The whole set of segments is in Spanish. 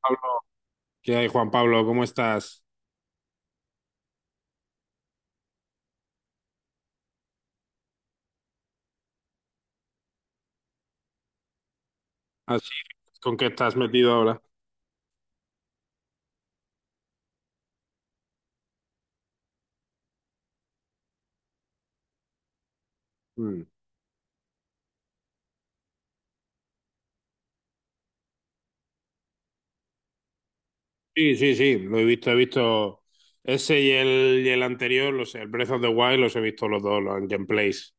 Pablo. ¿Qué hay, Juan Pablo? ¿Cómo estás? Así, ¿con qué estás metido ahora? Mm. Sí, sí, sí, lo he visto ese y el anterior, los, el Breath of the Wild, los he visto los dos, los gameplays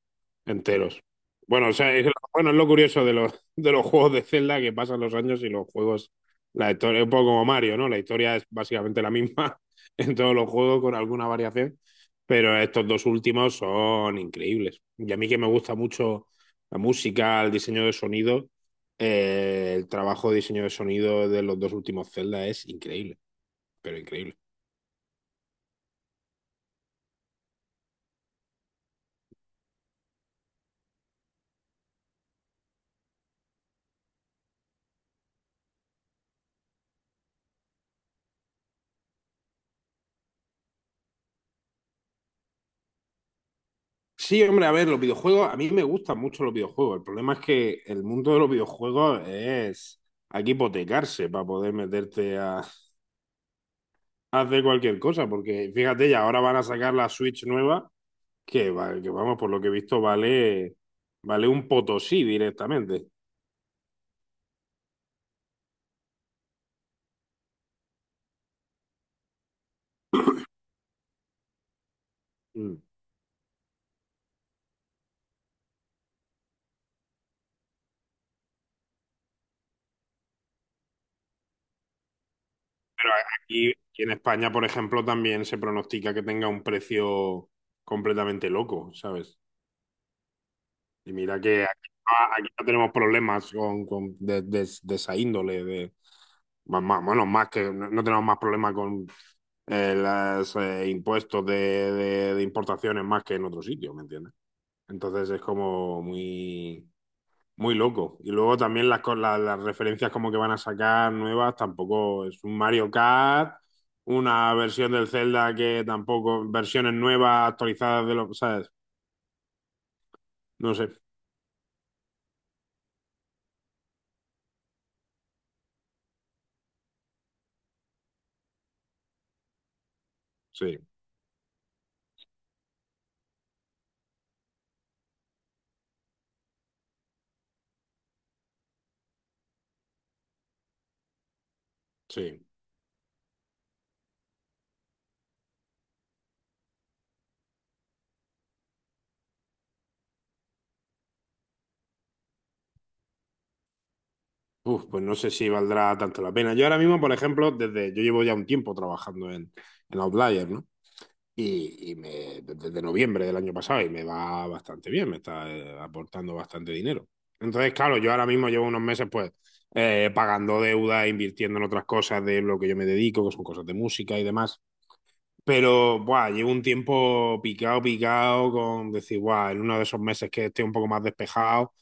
enteros. Bueno, o sea, es, bueno, es lo curioso de los juegos de Zelda, que pasan los años y los juegos, la historia, es un poco como Mario, ¿no? La historia es básicamente la misma en todos los juegos con alguna variación. Pero estos dos últimos son increíbles. Y a mí, que me gusta mucho la música, el diseño de sonido, el trabajo de diseño de sonido de los dos últimos Zelda es increíble, pero increíble. Sí, hombre, a ver, los videojuegos, a mí me gustan mucho los videojuegos. El problema es que el mundo de los videojuegos es... Hay que hipotecarse para poder meterte a hacer cualquier cosa, porque fíjate, ya ahora van a sacar la Switch nueva, que, que vamos, por lo que he visto, vale, vale un potosí directamente. Mm. Pero aquí, aquí en España, por ejemplo, también se pronostica que tenga un precio completamente loco, ¿sabes? Y mira que aquí, no, aquí no tenemos problemas con, de, de esa índole, de, más, bueno, más que no, no tenemos más problemas con los impuestos de, de importaciones, más que en otros sitios, ¿me entiendes? Entonces es como muy... Muy loco. Y luego también las, las referencias como que van a sacar nuevas, tampoco es un Mario Kart, una versión del Zelda, que tampoco, versiones nuevas actualizadas de los, ¿sabes? No sé. Sí, sí. Uf, pues no sé si valdrá tanto la pena. Yo ahora mismo, por ejemplo, desde, yo llevo ya un tiempo trabajando en Outlier, ¿no?, y me, desde noviembre del año pasado, y me va bastante bien, me está aportando bastante dinero. Entonces, claro, yo ahora mismo llevo unos meses, pues pagando deuda, invirtiendo en otras cosas de lo que yo me dedico, que son cosas de música y demás. Pero, buah, llevo un tiempo picado, picado, con decir, buah, en uno de esos meses que esté un poco más despejado,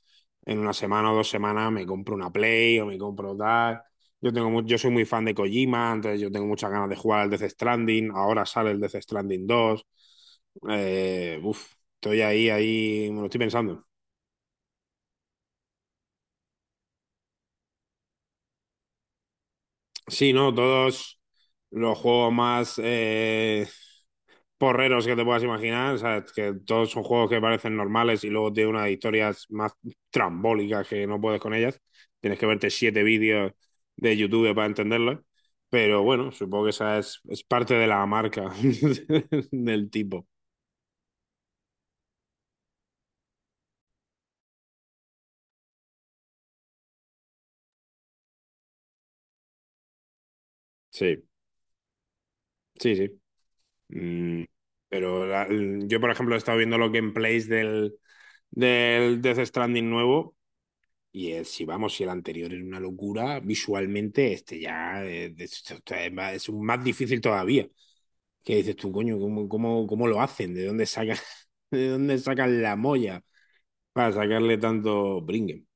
en una semana o dos semanas me compro una Play o me compro tal. Yo tengo, yo soy muy fan de Kojima, entonces yo tengo muchas ganas de jugar al Death Stranding. Ahora sale el Death Stranding dos. Uf, estoy ahí, ahí, me lo estoy pensando. Sí, ¿no? Todos los juegos más, porreros que te puedas imaginar, ¿sabes? Que todos son juegos que parecen normales y luego tiene unas historias más trambólicas que no puedes con ellas. Tienes que verte siete vídeos de YouTube para entenderlo. Pero bueno, supongo que esa es parte de la marca del tipo. Sí, sí, sí. Mm, pero la- yo, por ejemplo, he estado viendo los gameplays del, del Death Stranding nuevo. Y el, si vamos, si el anterior era una locura, visualmente este ya es, es un más difícil todavía. Que dices tú, coño, ¿cómo, cómo, cómo lo hacen? ¿De dónde sacan, de dónde sacan la molla para sacarle tanto bringen?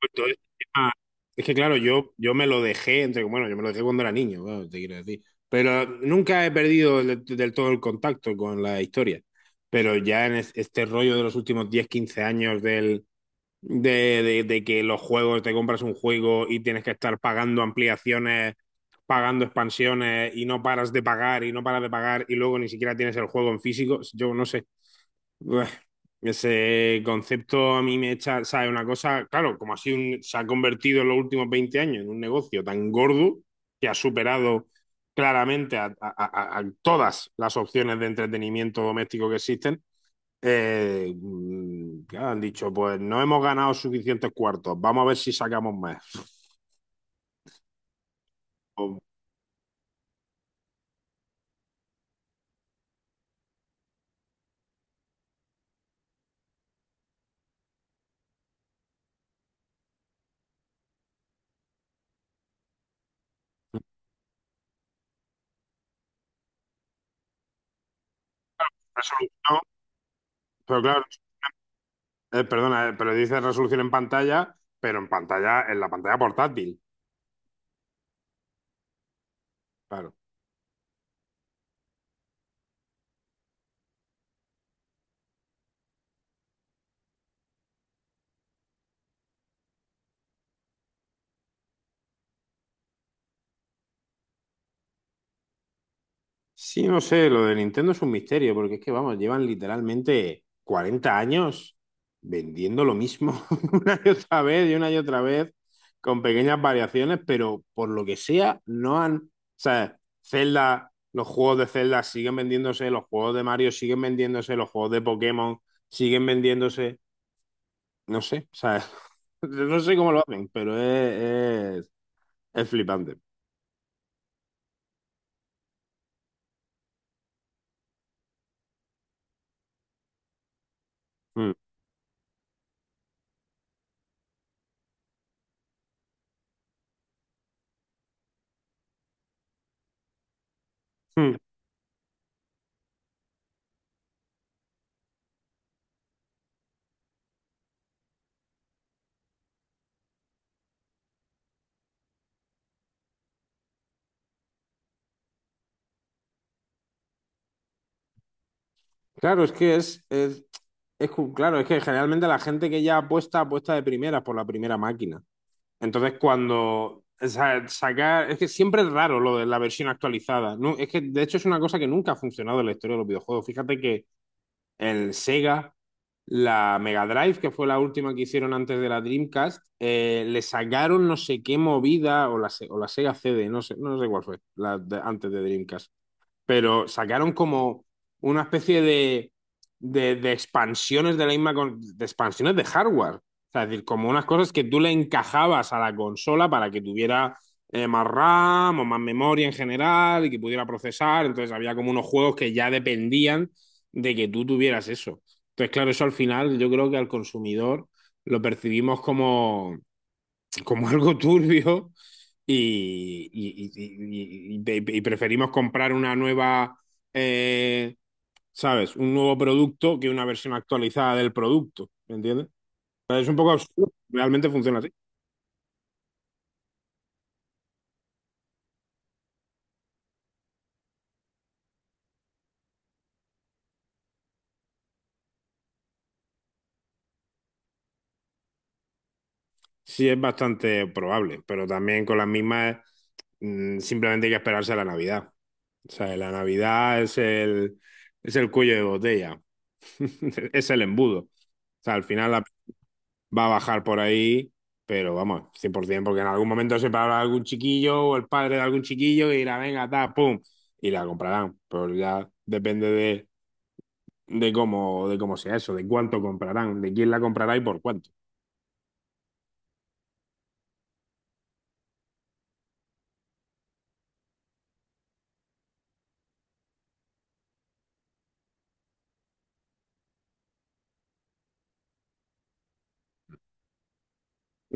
Pues todo este es que claro, yo me lo dejé, entre, bueno, yo me lo dejé cuando era niño, claro, te quiero decir. Pero nunca he perdido del, del todo el contacto con la historia. Pero ya en este rollo de los últimos 10 15 años del, de, de que los juegos, te compras un juego y tienes que estar pagando ampliaciones, pagando expansiones, y no paras de pagar y no paras de pagar, y luego ni siquiera tienes el juego en físico. Yo no sé. Buah. Ese concepto a mí me echa, ¿sabes? Una cosa, claro, como así se ha convertido en los últimos 20 años en un negocio tan gordo que ha superado claramente a, a todas las opciones de entretenimiento doméstico que existen. ¿Qué han dicho? Pues no hemos ganado suficientes cuartos. Vamos a ver si sacamos más. O resolución, pero claro, perdona, pero dice resolución en pantalla, pero en pantalla, en la pantalla portátil. Claro. Sí, no sé, lo de Nintendo es un misterio, porque es que, vamos, llevan literalmente 40 años vendiendo lo mismo una y otra vez y una y otra vez, con pequeñas variaciones, pero por lo que sea, no han... O sea, Zelda, los juegos de Zelda siguen vendiéndose, los juegos de Mario siguen vendiéndose, los juegos de Pokémon siguen vendiéndose, no sé, o sea, no sé cómo lo hacen, pero es flipante. Mm. Claro, es que es, claro, es que generalmente la gente que ya apuesta, apuesta de primeras por la primera máquina. Entonces, cuando o sea, sacar, es que siempre es raro lo de la versión actualizada. No, es que de hecho es una cosa que nunca ha funcionado en la historia de los videojuegos. Fíjate que el Sega, la Mega Drive, que fue la última que hicieron antes de la Dreamcast, le sacaron no sé qué movida, o la, o la Sega CD, no sé, no sé cuál fue, antes de Dreamcast, pero sacaron como una especie de expansiones de la misma, de expansiones de hardware. O sea, es decir, como unas cosas que tú le encajabas a la consola para que tuviera más RAM o más memoria en general y que pudiera procesar. Entonces había como unos juegos que ya dependían de que tú tuvieras eso. Entonces, claro, eso al final yo creo que al consumidor lo percibimos como, como algo turbio, y, y preferimos comprar una nueva, eh, ¿sabes? Un nuevo producto que una versión actualizada del producto, ¿me entiendes? Pero es un poco absurdo, realmente funciona así. Sí, es bastante probable, pero también con las mismas, mm, simplemente hay que esperarse a la Navidad. O sea, la Navidad es el cuello de botella, es el embudo. O sea, al final la va a bajar por ahí, pero vamos, 100%, porque en algún momento se parará algún chiquillo o el padre de algún chiquillo y dirá, venga, ta, pum, y la comprarán. Pero ya depende de cómo sea eso, de cuánto comprarán, de quién la comprará y por cuánto.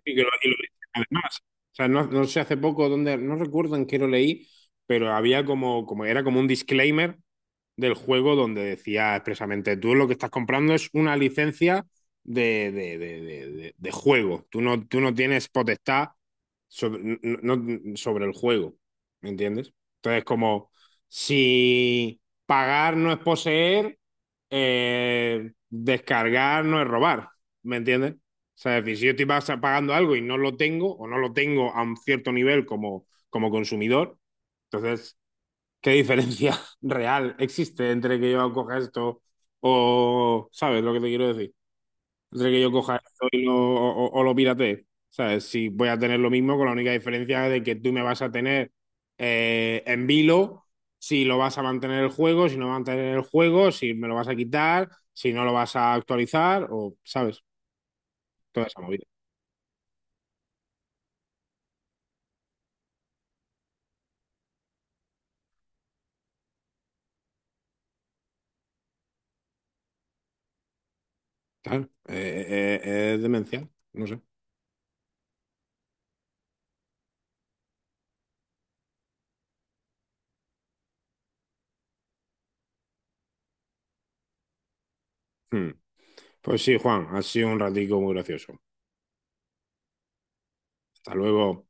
Y que además, o sea, no, no sé hace poco dónde, no recuerdo en qué lo leí, pero había como, como, era como un disclaimer del juego donde decía expresamente, tú lo que estás comprando es una licencia de, de de juego, tú no tienes potestad sobre, sobre el juego, ¿me entiendes? Entonces, como si pagar no es poseer, descargar no es robar, ¿me entiendes? O sea, es decir, si yo estoy pagando algo y no lo tengo, o no lo tengo a un cierto nivel como, como consumidor, entonces ¿qué diferencia real existe entre que yo coja esto o, ¿sabes lo que te quiero decir? Entre que yo coja esto y lo, o, o lo piratee. ¿Sabes? Si voy a tener lo mismo, con la única diferencia de que tú me vas a tener en vilo, si lo vas a mantener el juego, si no vas a mantener el juego, si me lo vas a quitar, si no lo vas a actualizar, o, ¿sabes? Toda esa movida. Claro, es demencial, no sé. Hmm. Pues sí, Juan, ha sido un ratico muy gracioso. Hasta luego.